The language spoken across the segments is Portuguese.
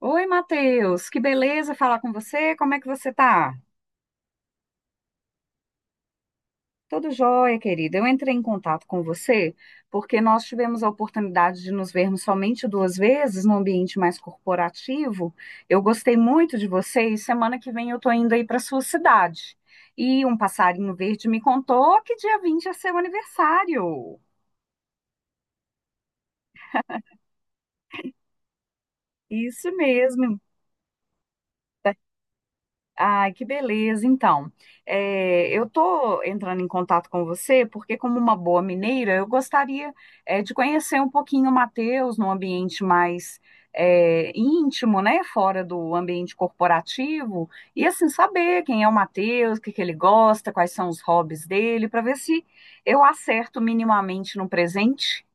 Oi, Matheus, que beleza falar com você. Como é que você tá? Tudo jóia, querida. Eu entrei em contato com você porque nós tivemos a oportunidade de nos vermos somente duas vezes no ambiente mais corporativo. Eu gostei muito de você e semana que vem eu tô indo aí para sua cidade. E um passarinho verde me contou que dia 20 é seu aniversário. Isso mesmo. Ai, que beleza. Então, eu estou entrando em contato com você porque, como uma boa mineira, eu gostaria, de conhecer um pouquinho o Matheus num ambiente mais, íntimo, né? Fora do ambiente corporativo. E, assim, saber quem é o Matheus, o que que ele gosta, quais são os hobbies dele, para ver se eu acerto minimamente num presente.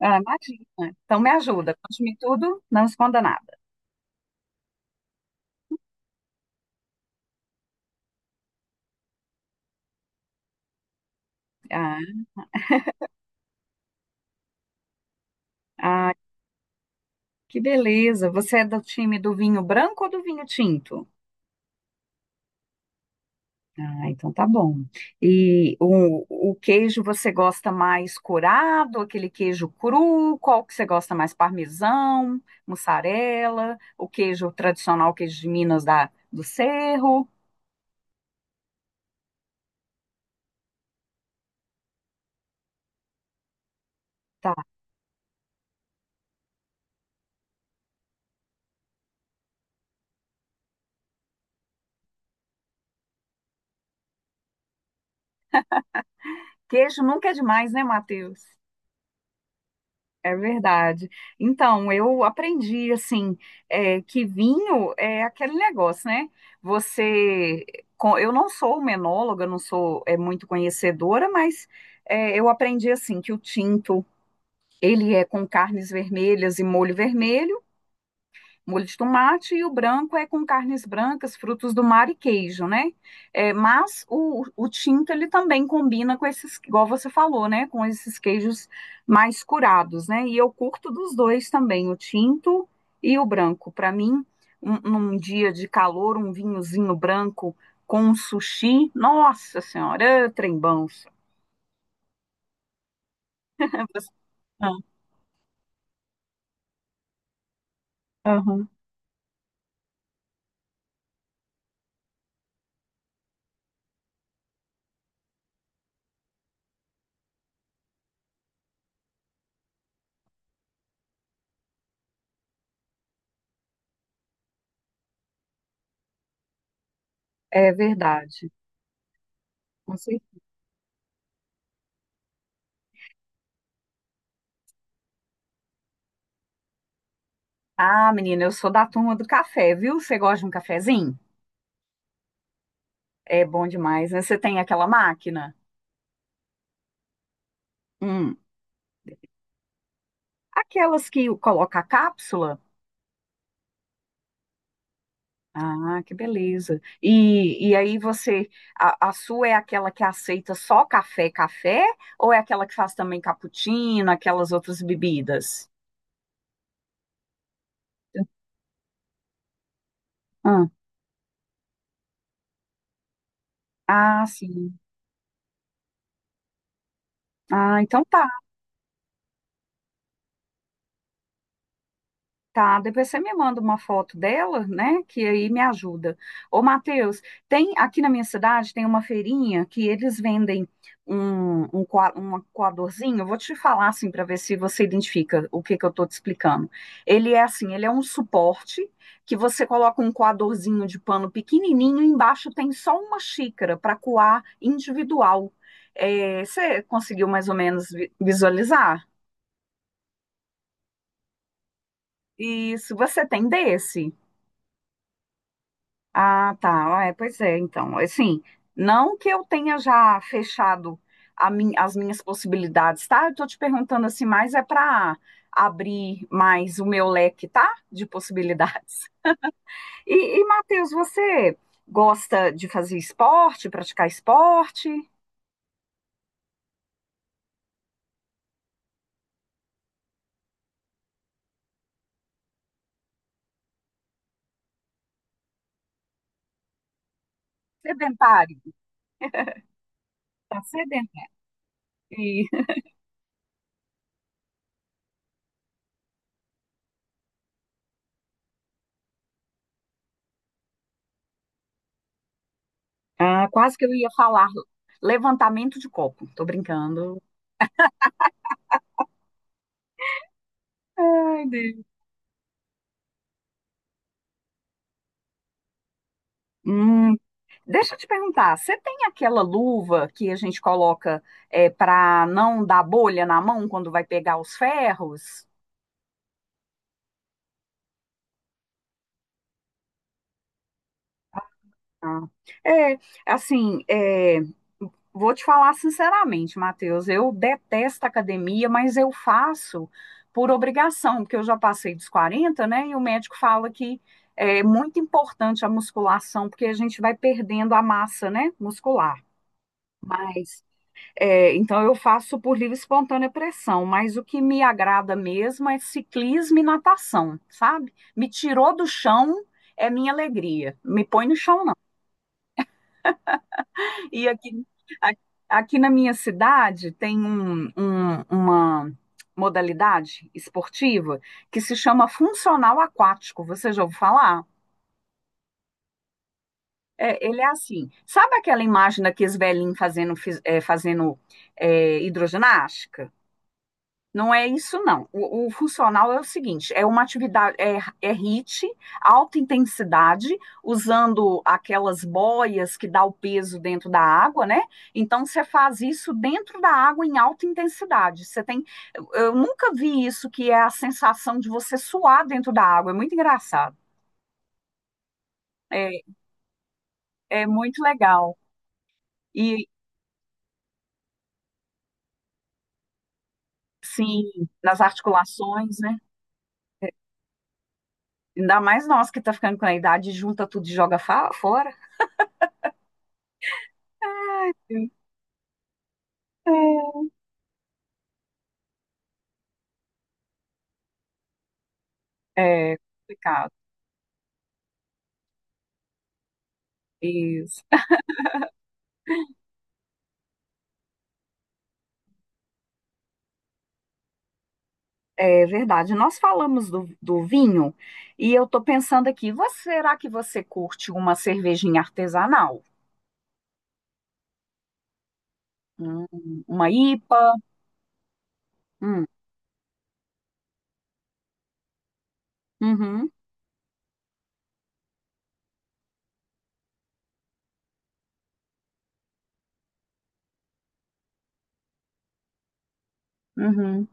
Ah, imagina. Então, me ajuda. Conte-me tudo, não esconda nada. Ah. Que beleza. Você é do time do vinho branco ou do vinho tinto? Ah, então tá bom. E o queijo você gosta mais curado, aquele queijo cru? Qual que você gosta mais? Parmesão, mussarela, o queijo tradicional, queijo de Minas da, do Cerro? Tá. Queijo nunca é demais, né, Matheus? É verdade. Então, eu aprendi assim, que vinho é aquele negócio, né? Você, eu não sou menóloga, não sou muito conhecedora, mas eu aprendi assim que o tinto ele é com carnes vermelhas e molho vermelho molho de tomate e o branco é com carnes brancas, frutos do mar e queijo, né? É, mas o tinto ele também combina com esses, igual você falou, né? Com esses queijos mais curados, né? E eu curto dos dois também, o tinto e o branco. Para mim, um, num dia de calor, um vinhozinho branco com um sushi, nossa senhora, trembão. Você- Ah, aham. É verdade. Com certeza. Ah, menina, eu sou da turma do café, viu? Você gosta de um cafezinho? É bom demais, né? Você tem aquela máquina? Hum. Aquelas que coloca a cápsula? Ah, que beleza. E aí você, a sua é aquela que aceita só café, café? Ou é aquela que faz também cappuccino, aquelas outras bebidas? Ah, ah, sim. Ah, então tá. Tá, depois você me manda uma foto dela, né? Que aí me ajuda. Ô, Matheus, tem aqui na minha cidade tem uma feirinha que eles vendem um coadorzinho. Eu vou te falar assim para ver se você identifica o que que eu tô te explicando. Ele é assim, ele é um suporte que você coloca um coadorzinho de pano pequenininho, e embaixo tem só uma xícara para coar individual. É, você conseguiu mais ou menos visualizar? Isso, você tem desse? Ah, tá. Ah, é, pois é, então. Assim, não que eu tenha já fechado as minhas possibilidades, tá? Eu tô te perguntando assim, mas é para abrir mais o meu leque, tá? De possibilidades. E Matheus, você gosta de fazer esporte, praticar esporte? Sedentário, tá sedentário. E- Ah, quase que eu ia falar levantamento de copo. Tô brincando. Ai, Deus. Deixa eu te perguntar, você tem aquela luva que a gente coloca para não dar bolha na mão quando vai pegar os ferros? Ah, é, assim, vou te falar sinceramente, Matheus, eu detesto academia, mas eu faço por obrigação, porque eu já passei dos 40, né? E o médico fala que é muito importante a musculação, porque a gente vai perdendo a massa, né, muscular. Mas então eu faço por livre e espontânea pressão, mas o que me agrada mesmo é ciclismo e natação, sabe? Me tirou do chão é minha alegria, me põe no chão não. E aqui, aqui na minha cidade tem uma modalidade esportiva que se chama funcional aquático, você já ouviu falar? É, ele é assim, sabe aquela imagem daqueles velhinhos fazendo hidroginástica? Não é isso, não. O funcional é o seguinte: é uma atividade, é HIIT, alta intensidade, usando aquelas boias que dá o peso dentro da água, né? Então você faz isso dentro da água em alta intensidade. Eu nunca vi isso que é a sensação de você suar dentro da água. É muito engraçado. É, é muito legal. E sim, nas articulações, né? Ainda mais nós que tá ficando com a idade, junta tudo e joga fora. Ai, é. É complicado. Isso. É verdade. Nós falamos do vinho e eu estou pensando aqui, será que você curte uma cervejinha artesanal? Hum, uma IPA? Hum, uhum, uhum.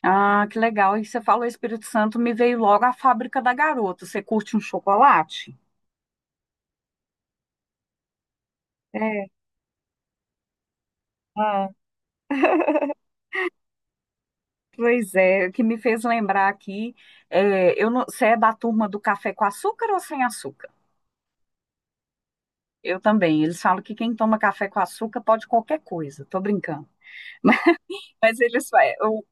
Ah, que legal. E você falou Espírito Santo, me veio logo a Fábrica da Garota. Você curte um chocolate? É, pois é, o que me fez lembrar aqui, é, eu não- você é da turma do café com açúcar ou sem açúcar? Eu também. Eles falam que quem toma café com açúcar pode qualquer coisa. Tô brincando. Mas, mas eles, eu,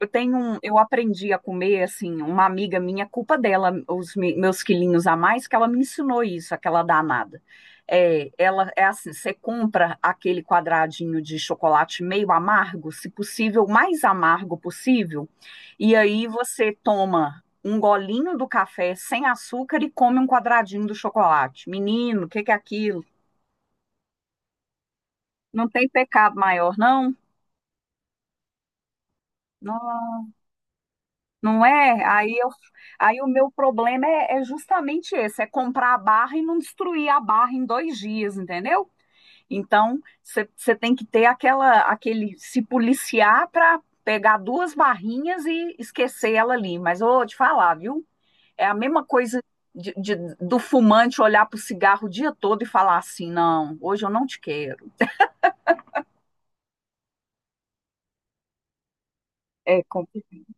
eu, tenho um, eu aprendi a comer assim. Uma amiga minha, culpa dela, os meus quilinhos a mais, que ela me ensinou isso, aquela danada. É, ela é assim, você compra aquele quadradinho de chocolate meio amargo, se possível, o mais amargo possível, e aí você toma um golinho do café sem açúcar e come um quadradinho do chocolate. Menino, o que que é aquilo? Não tem pecado maior, não? Não, não é? Aí o meu problema é, justamente esse: é comprar a barra e não destruir a barra em 2 dias, entendeu? Então, você tem que ter aquela, aquele, se policiar para pegar duas barrinhas e esquecer ela ali. Mas eu vou te falar, viu? É a mesma coisa do fumante olhar para o cigarro o dia todo e falar assim: não, hoje eu não te quero. É complicado.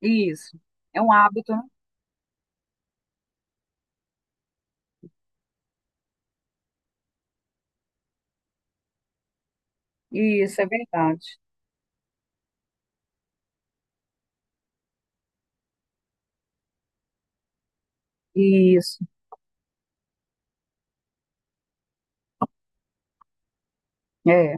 Isso. É um hábito, né? Isso, é verdade. Isso, é,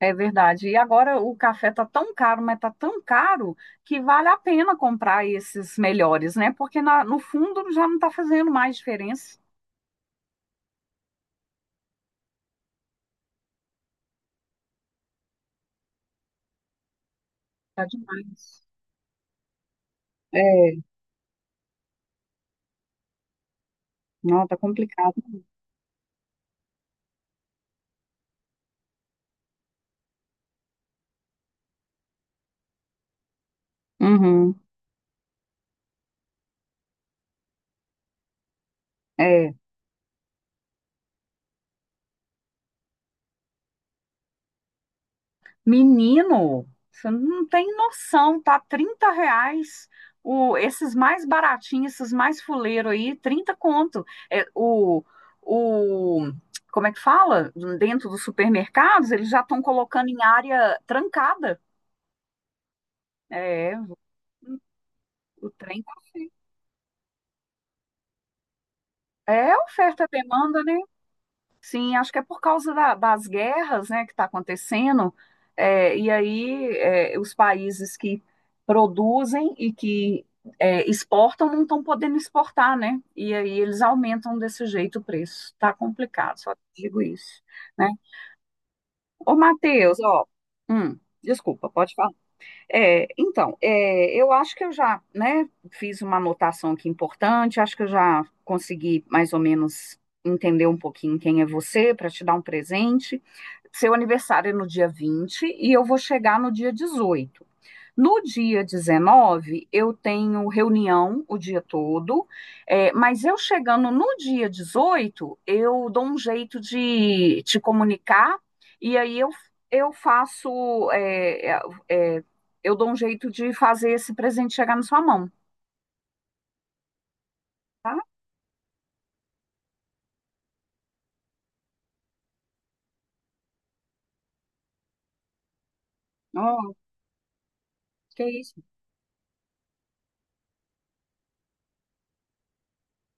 é verdade. E agora o café tá tão caro, mas tá tão caro que vale a pena comprar esses melhores, né? Porque no fundo já não tá fazendo mais diferença. Tá demais. É, não, tá complicado. Uhum, é. Menino, você não tem noção, tá? R$ 30. O, esses mais baratinhos, esses mais fuleiro aí, 30 conto. É, o, como é que fala? Dentro dos supermercados, eles já estão colocando em área trancada. É, o trem tá feio. É oferta e demanda, né? Sim, acho que é por causa das guerras, né, que está acontecendo, e aí os países que produzem e que exportam não estão podendo exportar, né? E aí eles aumentam desse jeito o preço. Tá complicado, só digo isso, né? Ô, Matheus, ó, desculpa, pode falar. É, então, eu acho que eu já, né, fiz uma anotação aqui importante, acho que eu já consegui mais ou menos entender um pouquinho quem é você para te dar um presente. Seu aniversário é no dia 20 e eu vou chegar no dia 18. No dia 19 eu tenho reunião o dia todo, mas eu chegando no dia 18 eu dou um jeito de te comunicar e aí eu faço, é, é, é, eu dou um jeito de fazer esse presente chegar na sua mão, tá? Oh, que isso?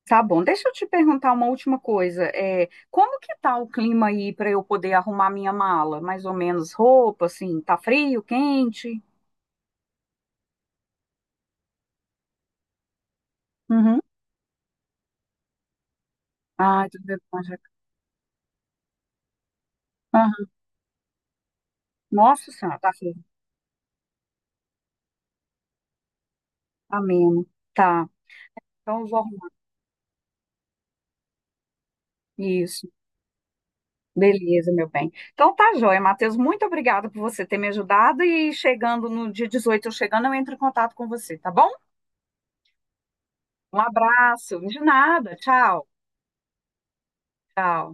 Tá bom. Deixa eu te perguntar uma última coisa. Como que tá o clima aí para eu poder arrumar minha mala? Mais ou menos roupa, assim, tá frio, quente? Uhum. Ai, tudo bem com a jaca. Aham. Nossa senhora, tá feio. Ameno. Tá. Então eu vou arrumar isso. Beleza, meu bem. Então tá joia, Matheus. Muito obrigada por você ter me ajudado. E chegando no dia 18 eu chegando, eu entro em contato com você, tá bom? Um abraço. De nada. Tchau. Tchau.